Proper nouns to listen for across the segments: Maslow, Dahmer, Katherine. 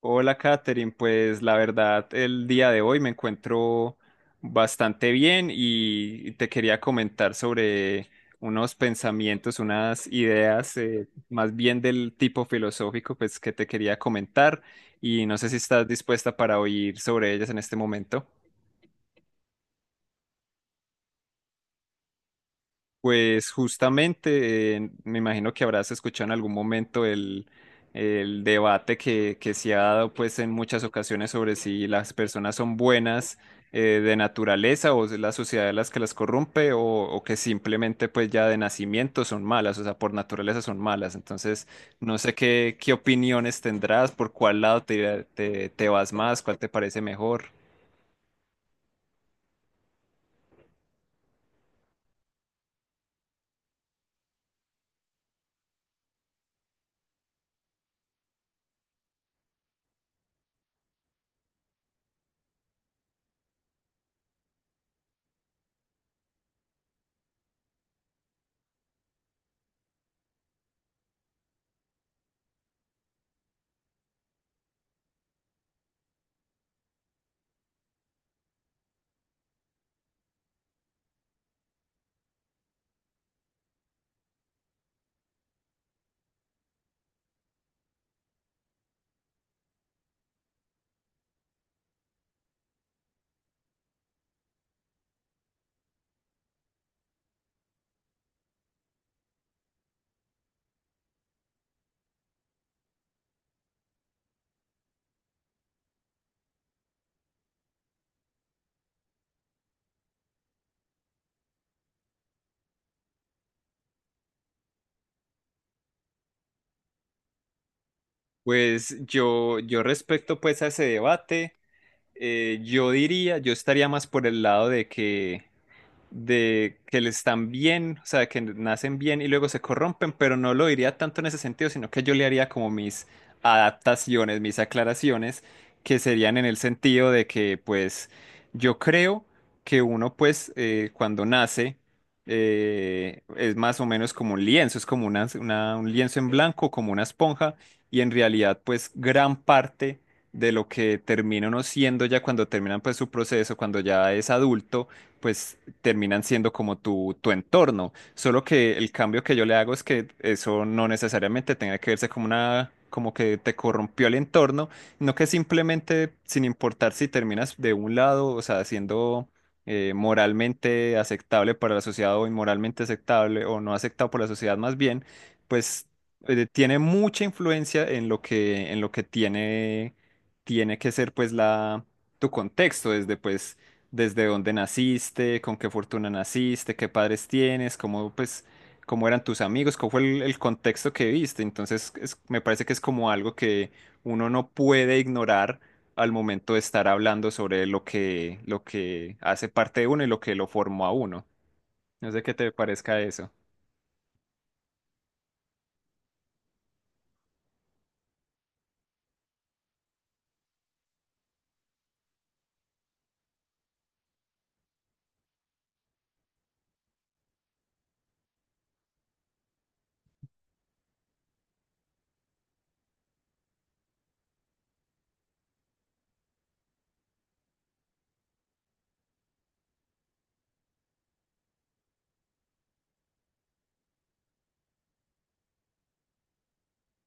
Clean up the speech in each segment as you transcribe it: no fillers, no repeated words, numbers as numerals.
Hola, Katherine. Pues la verdad, el día de hoy me encuentro bastante bien y te quería comentar sobre unos pensamientos, unas ideas, más bien del tipo filosófico, pues que te quería comentar y no sé si estás dispuesta para oír sobre ellas en este momento. Pues justamente, me imagino que habrás escuchado en algún momento el debate que se ha dado pues en muchas ocasiones sobre si las personas son buenas de naturaleza o es la sociedad las que las corrompe o que simplemente pues ya de nacimiento son malas, o sea, por naturaleza son malas. Entonces, no sé qué, qué opiniones tendrás, por cuál lado te, te, te vas más, cuál te parece mejor. Pues yo respecto pues a ese debate. Yo diría, yo estaría más por el lado de que le están bien, o sea, que nacen bien y luego se corrompen, pero no lo diría tanto en ese sentido, sino que yo le haría como mis adaptaciones, mis aclaraciones, que serían en el sentido de que, pues, yo creo que uno, pues, cuando nace, es más o menos como un lienzo, es como un lienzo en blanco, como una esponja, y en realidad, pues, gran parte de lo que termina uno siendo ya cuando terminan, pues, su proceso, cuando ya es adulto, pues terminan siendo como tu entorno. Solo que el cambio que yo le hago es que eso no necesariamente tenga que verse como una, como que te corrompió el entorno, no que simplemente, sin importar si terminas de un lado, o sea, siendo moralmente aceptable para la sociedad o inmoralmente aceptable o no aceptado por la sociedad más bien, pues tiene mucha influencia en lo que tiene, tiene que ser pues la, tu contexto, desde pues desde dónde naciste, con qué fortuna naciste, qué padres tienes, cómo, pues, cómo eran tus amigos, cómo fue el contexto que viste. Entonces, me parece que es como algo que uno no puede ignorar al momento de estar hablando sobre lo que hace parte de uno y lo que lo formó a uno. No sé qué te parezca eso.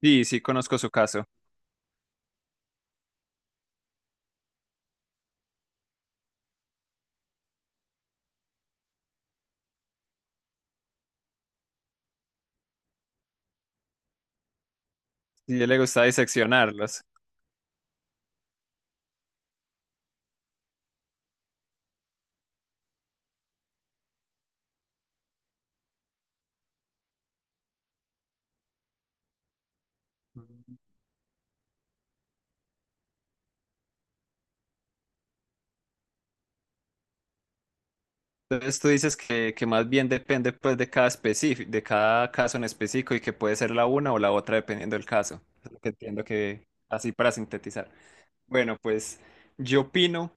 Sí, sí, conozco su caso. Sí, a él le gusta diseccionarlos. Entonces tú dices que más bien depende pues de cada específico, de cada caso en específico y que puede ser la una o la otra dependiendo del caso. Es lo que entiendo que así para sintetizar. Bueno, pues yo opino,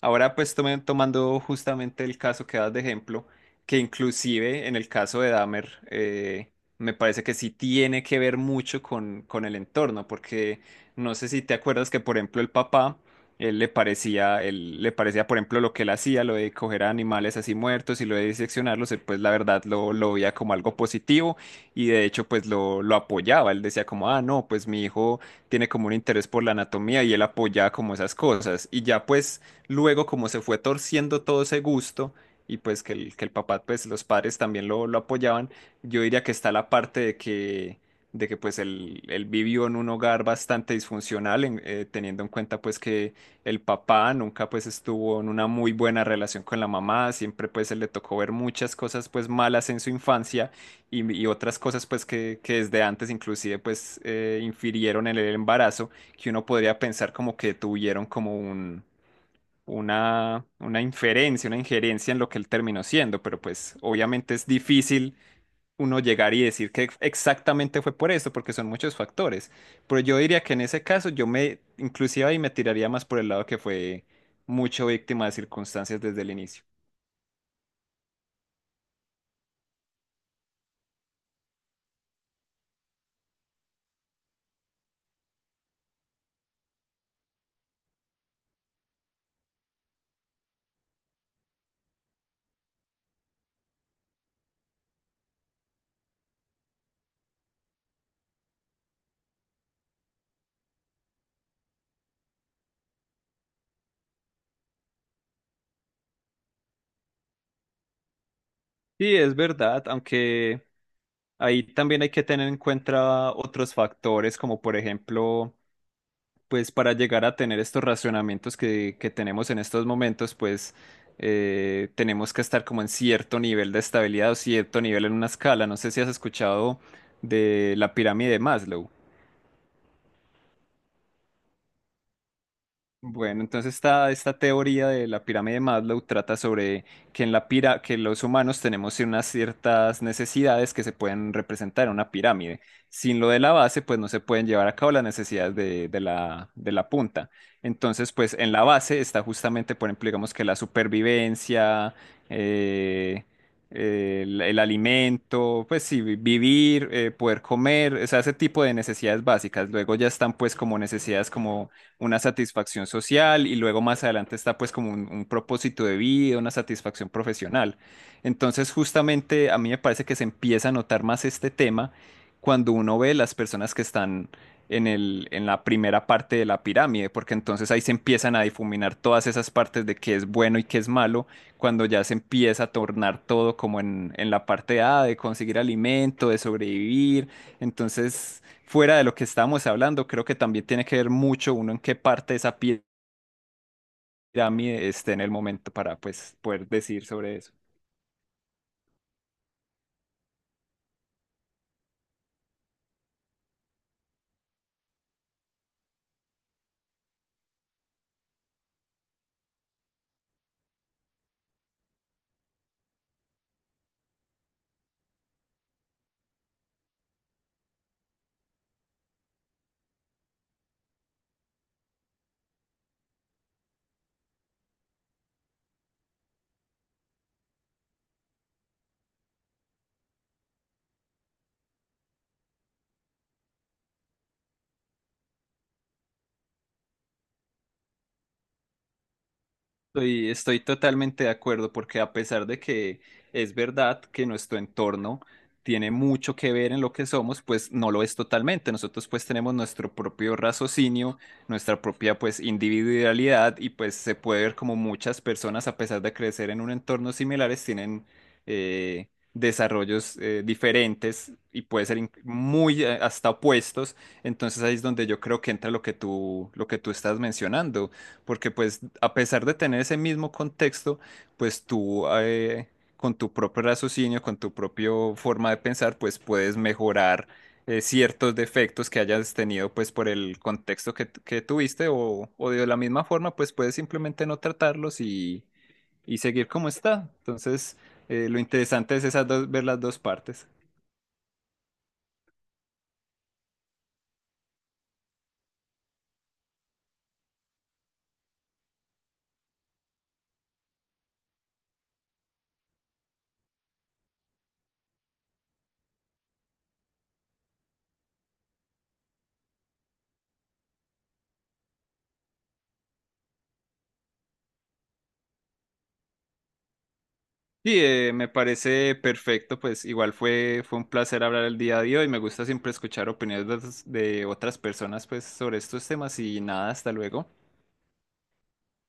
ahora pues tomando justamente el caso que das de ejemplo, que inclusive en el caso de Dahmer, me parece que sí tiene que ver mucho con el entorno, porque no sé si te acuerdas que por ejemplo el papá, él le parecía por ejemplo lo que él hacía, lo de coger a animales así muertos y lo de diseccionarlos, él pues la verdad lo veía como algo positivo y de hecho pues lo apoyaba, él decía como, ah, no, pues mi hijo tiene como un interés por la anatomía y él apoyaba como esas cosas. Y ya pues luego como se fue torciendo todo ese gusto y pues que el papá, pues los padres también lo apoyaban, yo diría que está la parte de que pues él vivió en un hogar bastante disfuncional, teniendo en cuenta pues que el papá nunca pues estuvo en una muy buena relación con la mamá, siempre pues él le tocó ver muchas cosas pues malas en su infancia y otras cosas pues que desde antes inclusive pues infirieron en el embarazo, que uno podría pensar como que tuvieron como un, una inferencia, una injerencia en lo que él terminó siendo, pero pues obviamente es difícil uno llegar y decir que exactamente fue por esto, porque son muchos factores, pero yo diría que en ese caso yo me inclusive ahí me tiraría más por el lado que fue mucho víctima de circunstancias desde el inicio. Sí, es verdad, aunque ahí también hay que tener en cuenta otros factores, como por ejemplo, pues para llegar a tener estos racionamientos que tenemos en estos momentos, pues tenemos que estar como en cierto nivel de estabilidad o cierto nivel en una escala. No sé si has escuchado de la pirámide de Maslow. Bueno, entonces esta teoría de la pirámide de Maslow trata sobre que en la pira, que los humanos tenemos unas ciertas necesidades que se pueden representar en una pirámide. Sin lo de la base, pues no se pueden llevar a cabo las necesidades de la punta. Entonces, pues en la base está justamente, por ejemplo, digamos que la supervivencia, eh, el alimento, pues sí, vivir, poder comer, o sea, ese tipo de necesidades básicas. Luego ya están pues como necesidades como una satisfacción social y luego más adelante está pues como un propósito de vida, una satisfacción profesional. Entonces justamente a mí me parece que se empieza a notar más este tema cuando uno ve las personas que están en el, en la primera parte de la pirámide, porque entonces ahí se empiezan a difuminar todas esas partes de qué es bueno y qué es malo, cuando ya se empieza a tornar todo como en la parte A, de conseguir alimento, de sobrevivir. Entonces fuera de lo que estábamos hablando, creo que también tiene que ver mucho uno en qué parte de esa pirámide esté en el momento para pues poder decir sobre eso. Estoy totalmente de acuerdo porque a pesar de que es verdad que nuestro entorno tiene mucho que ver en lo que somos, pues no lo es totalmente. Nosotros pues tenemos nuestro propio raciocinio, nuestra propia pues individualidad y pues se puede ver como muchas personas a pesar de crecer en un entorno similares tienen desarrollos diferentes y puede ser muy hasta opuestos. Entonces ahí es donde yo creo que entra lo que tú estás mencionando porque pues a pesar de tener ese mismo contexto, pues tú con tu propio raciocinio, con tu propia forma de pensar, pues puedes mejorar ciertos defectos que hayas tenido pues por el contexto que tuviste o de la misma forma, pues puedes simplemente no tratarlos y seguir como está. Entonces, lo interesante es esas dos, ver las dos partes. Sí, me parece perfecto, pues igual fue, fue un placer hablar el día de hoy. Me gusta siempre escuchar opiniones de otras personas pues sobre estos temas y nada, hasta luego.